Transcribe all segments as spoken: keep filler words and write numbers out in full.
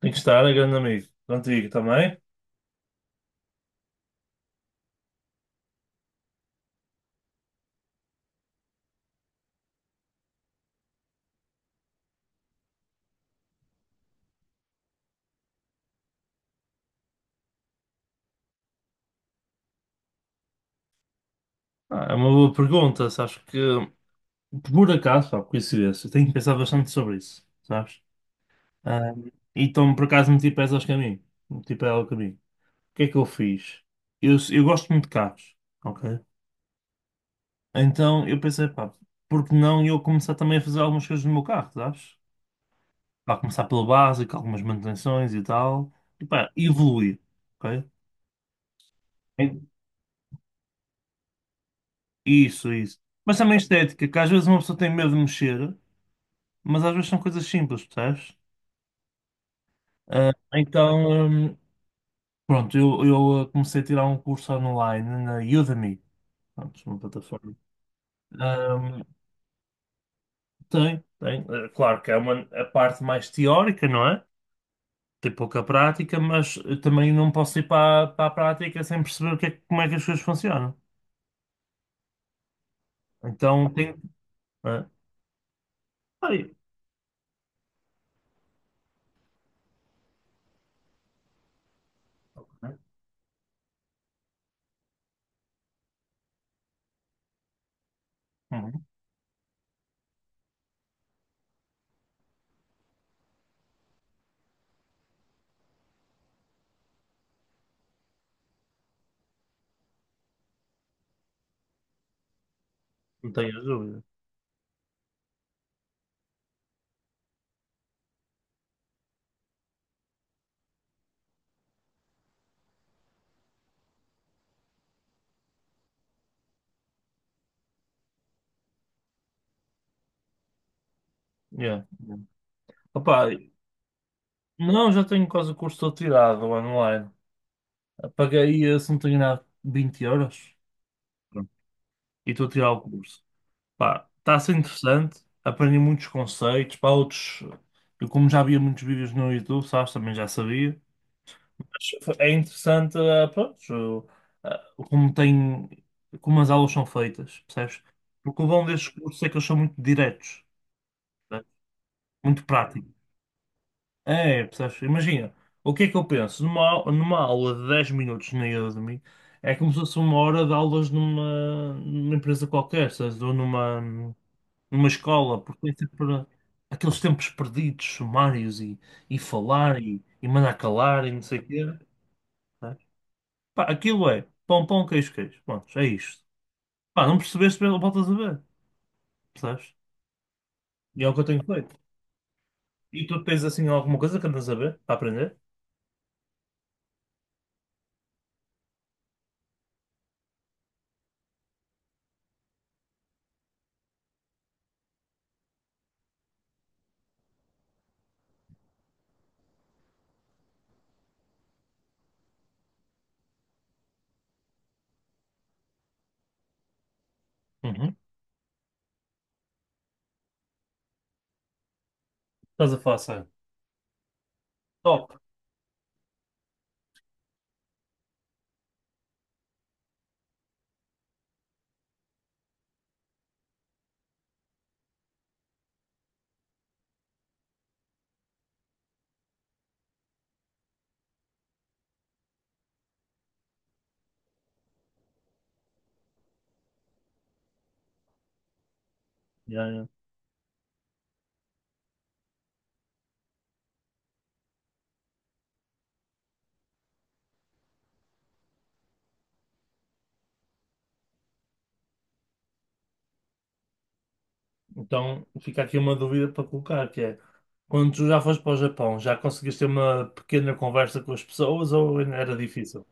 Tem que estar, é grande amigo. Contigo também? Ah, é uma boa pergunta, sabes que por acaso, pá, por coincidência, eu tenho que pensar bastante sobre isso, sabes? Ah, e então por acaso meti pés aos caminhos. Meti pés ao caminho. O que é que eu fiz? Eu, eu gosto muito de carros, ok? Então eu pensei, pá, por que não eu começar também a fazer algumas coisas no meu carro, sabes? Pá, começar pelo básico, algumas manutenções e tal. E pá, evoluir, ok? Isso, isso. Mas também estética, que às vezes uma pessoa tem medo de mexer. mas às vezes são coisas simples, percebes? Ah, então, hum, pronto, eu, eu ah, comecei a tirar um curso online na Udemy, pronto, uma plataforma. Hum, tem, tem. Eh, Claro que é uma, a parte mais teórica, não é? Tem pouca prática, mas eh, também não posso ir para, a- para a prática sem perceber o que é, que- como é que as coisas funcionam. Então tem. eh, Aí, né? Uhum, não tenho dúvida. Yeah. Opa, não, já tenho quase o curso todo tirado online. Paguei, eh, se não tenho nada, vinte euros. Pronto, e estou a tirar o curso. Pá, está a ser interessante, aprendi muitos conceitos, pá, outros. Eu, como já havia muitos vídeos no YouTube, sabes, também já sabia. Mas É interessante, eh, pronto, eh, como tem, como as aulas são feitas, percebes? Porque o bom destes cursos é que eles são muito diretos, percebes? muito práticos. É, percebes? Imagina, o que é que eu penso? Numa, au- numa aula de dez minutos na Udemy, é como se fosse uma hora de aulas numa, numa, empresa qualquer, sabes? Ou numa, numa escola, porque tem sempre aqueles tempos perdidos, sumários e, e falar e, e mandar calar e não sei o quê. né? Pá, aquilo é pão, pão, queijo, queijo. Pronto, é isto. Pá, não percebeste, voltas a ver, percebes? E é o que eu tenho feito. E tu tens assim alguma coisa que andas a ver, para aprender? Uhum. Estás a falar sério? Top. Yeah, yeah. Então fica aqui uma dúvida para colocar, que é, quando tu já foste para o Japão, já conseguiste ter uma pequena conversa com as pessoas ou ainda era difícil?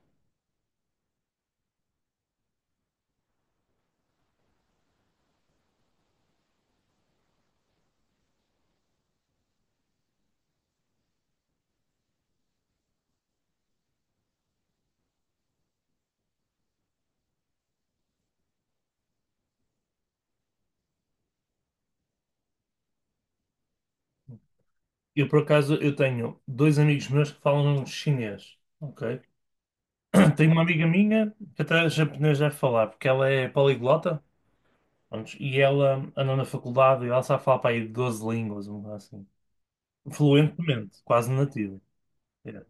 Eu, por acaso, eu tenho dois amigos meus que falam chinês, ok? Tenho uma amiga minha que até japonês deve falar, porque ela é poliglota, pronto, e ela andou na faculdade e ela sabe falar para aí doze línguas, uma coisa assim, fluentemente, quase nativo. É.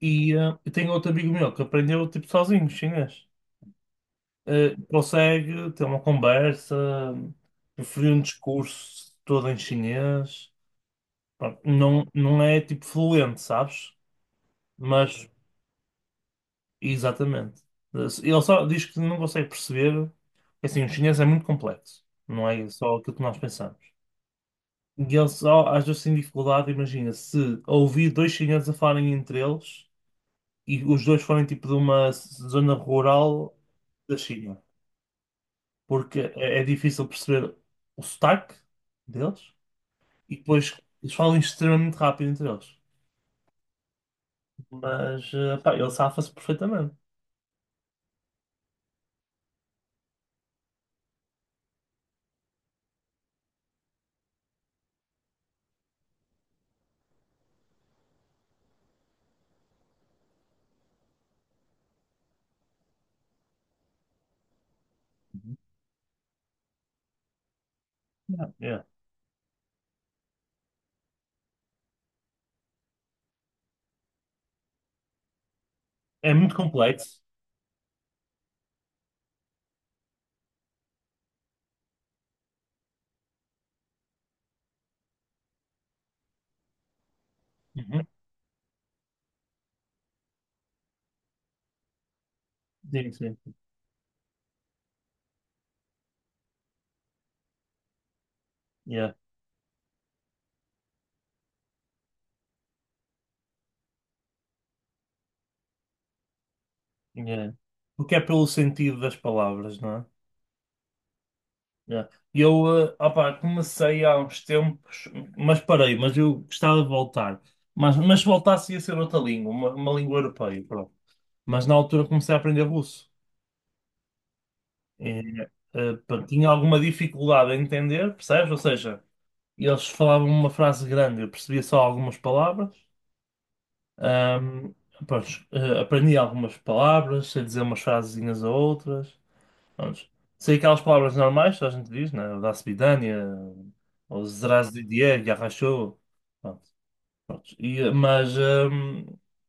E eh, eu tenho outro amigo meu que aprendeu, tipo, sozinho chinês. eh, consegue ter uma conversa, preferir um discurso todo em chinês. Pronto, não, não é tipo fluente, sabes? Mas, exatamente. Ele só diz que não consegue perceber. Assim, o chinês é muito complexo, não é só aquilo que nós pensamos. E ele só, às vezes, tem dificuldade, imagina, se ouvir dois chineses a falarem entre eles e os dois forem tipo de uma zona rural da China. Porque é, é difícil perceber o sotaque deles e depois eles falam extremamente rápido entre eles. Mas eh, pá, ele safa-se perfeitamente. Uhum. Yeah, yeah. É muito complexo. Uhum. Sim, sim. Yeah, yeah. Porque é pelo sentido das palavras, não é? Yeah. Eu, eh, opá, comecei há uns tempos, mas parei, mas eu gostava de voltar. Mas, mas se voltasse ia ser outra língua, uma, uma língua europeia, pronto. Mas na altura comecei a aprender russo. É, eh, pá, tinha alguma dificuldade a entender, percebes? Ou seja, eles falavam uma frase grande, eu percebia só algumas palavras. Ahm, pronto, eh, aprendi algumas palavras, sei dizer umas frasezinhas a outras. Pronto. Sei aquelas palavras normais, que a gente diz, né? Da Svidania, ou Zdrazdidie, Yarrachou. Pronto. Pronto, e- eh, mas, hum,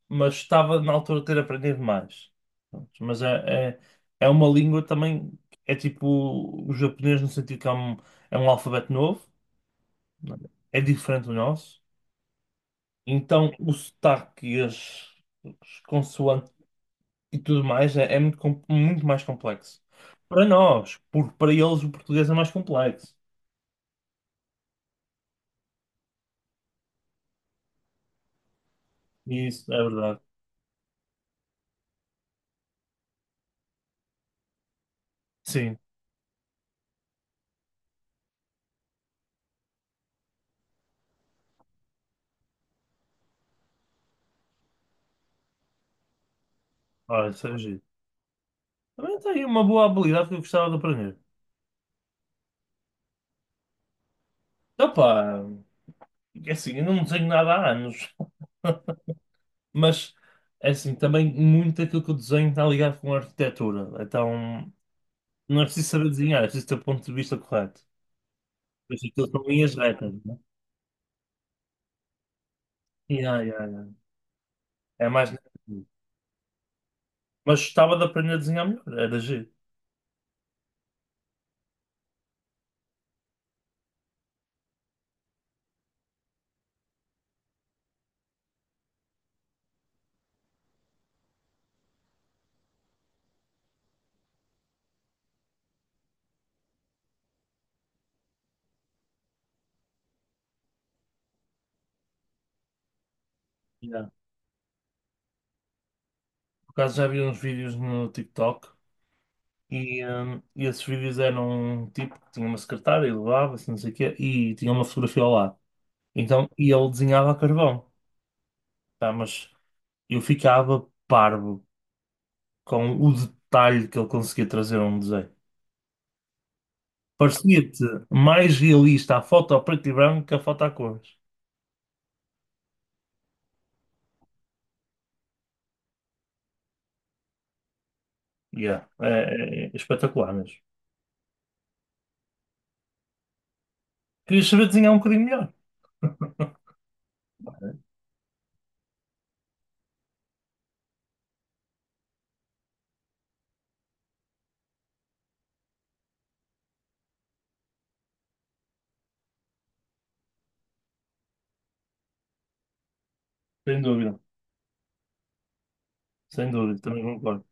mas estava na altura de ter aprendido mais. Pronto, mas é, é, é uma língua também, é tipo o japonês no sentido que é um, é um alfabeto novo, não é É diferente do nosso. Então o sotaque e as, as consoantes e tudo mais é, é muito, com- muito mais complexo. Para nós, porque para eles o português é mais complexo. E Isso, é verdade. Sim, olha, isso é giro. Também tem uma boa habilidade que eu gostava de aprender. Opa! É assim, eu não desenho nada há anos, mas é assim, também muito aquilo que eu desenho está ligado com a arquitetura. Então não é preciso saber desenhar, é preciso ter o ponto de vista correto. Pois aquilo são linhas retas, né? Yeah, yeah, yeah. É mais. negativo. Mas gostava de aprender a desenhar melhor, era giro. Yeah. Por acaso já vi uns vídeos no TikTok e, hum, e esses vídeos eram um tipo que tinha uma secretária e levava-se, não sei o quê, e tinha uma fotografia ao lado. Então, e ele desenhava a carvão, tá? Mas eu ficava parvo com o detalhe que ele conseguia trazer a um desenho. Parecia-te mais realista a foto a preto e branco que a foto a cores. Yeah, é, é- é espetacular mesmo. Querias saber desenhar um bocadinho melhor? Sem dúvida, sem dúvida, também concordo.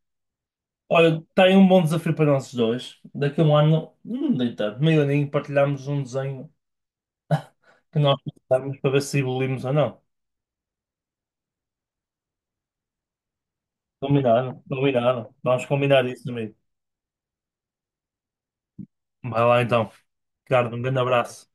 Olha, está aí um bom desafio para nós dois. Daqui a um ano, hum, deitado, meio aninho, partilhamos um desenho que nós precisamos para ver se evoluímos ou não. Combinado, combinado. Vamos combinar isso, amigo. Vai lá então. Ricardo, um grande abraço.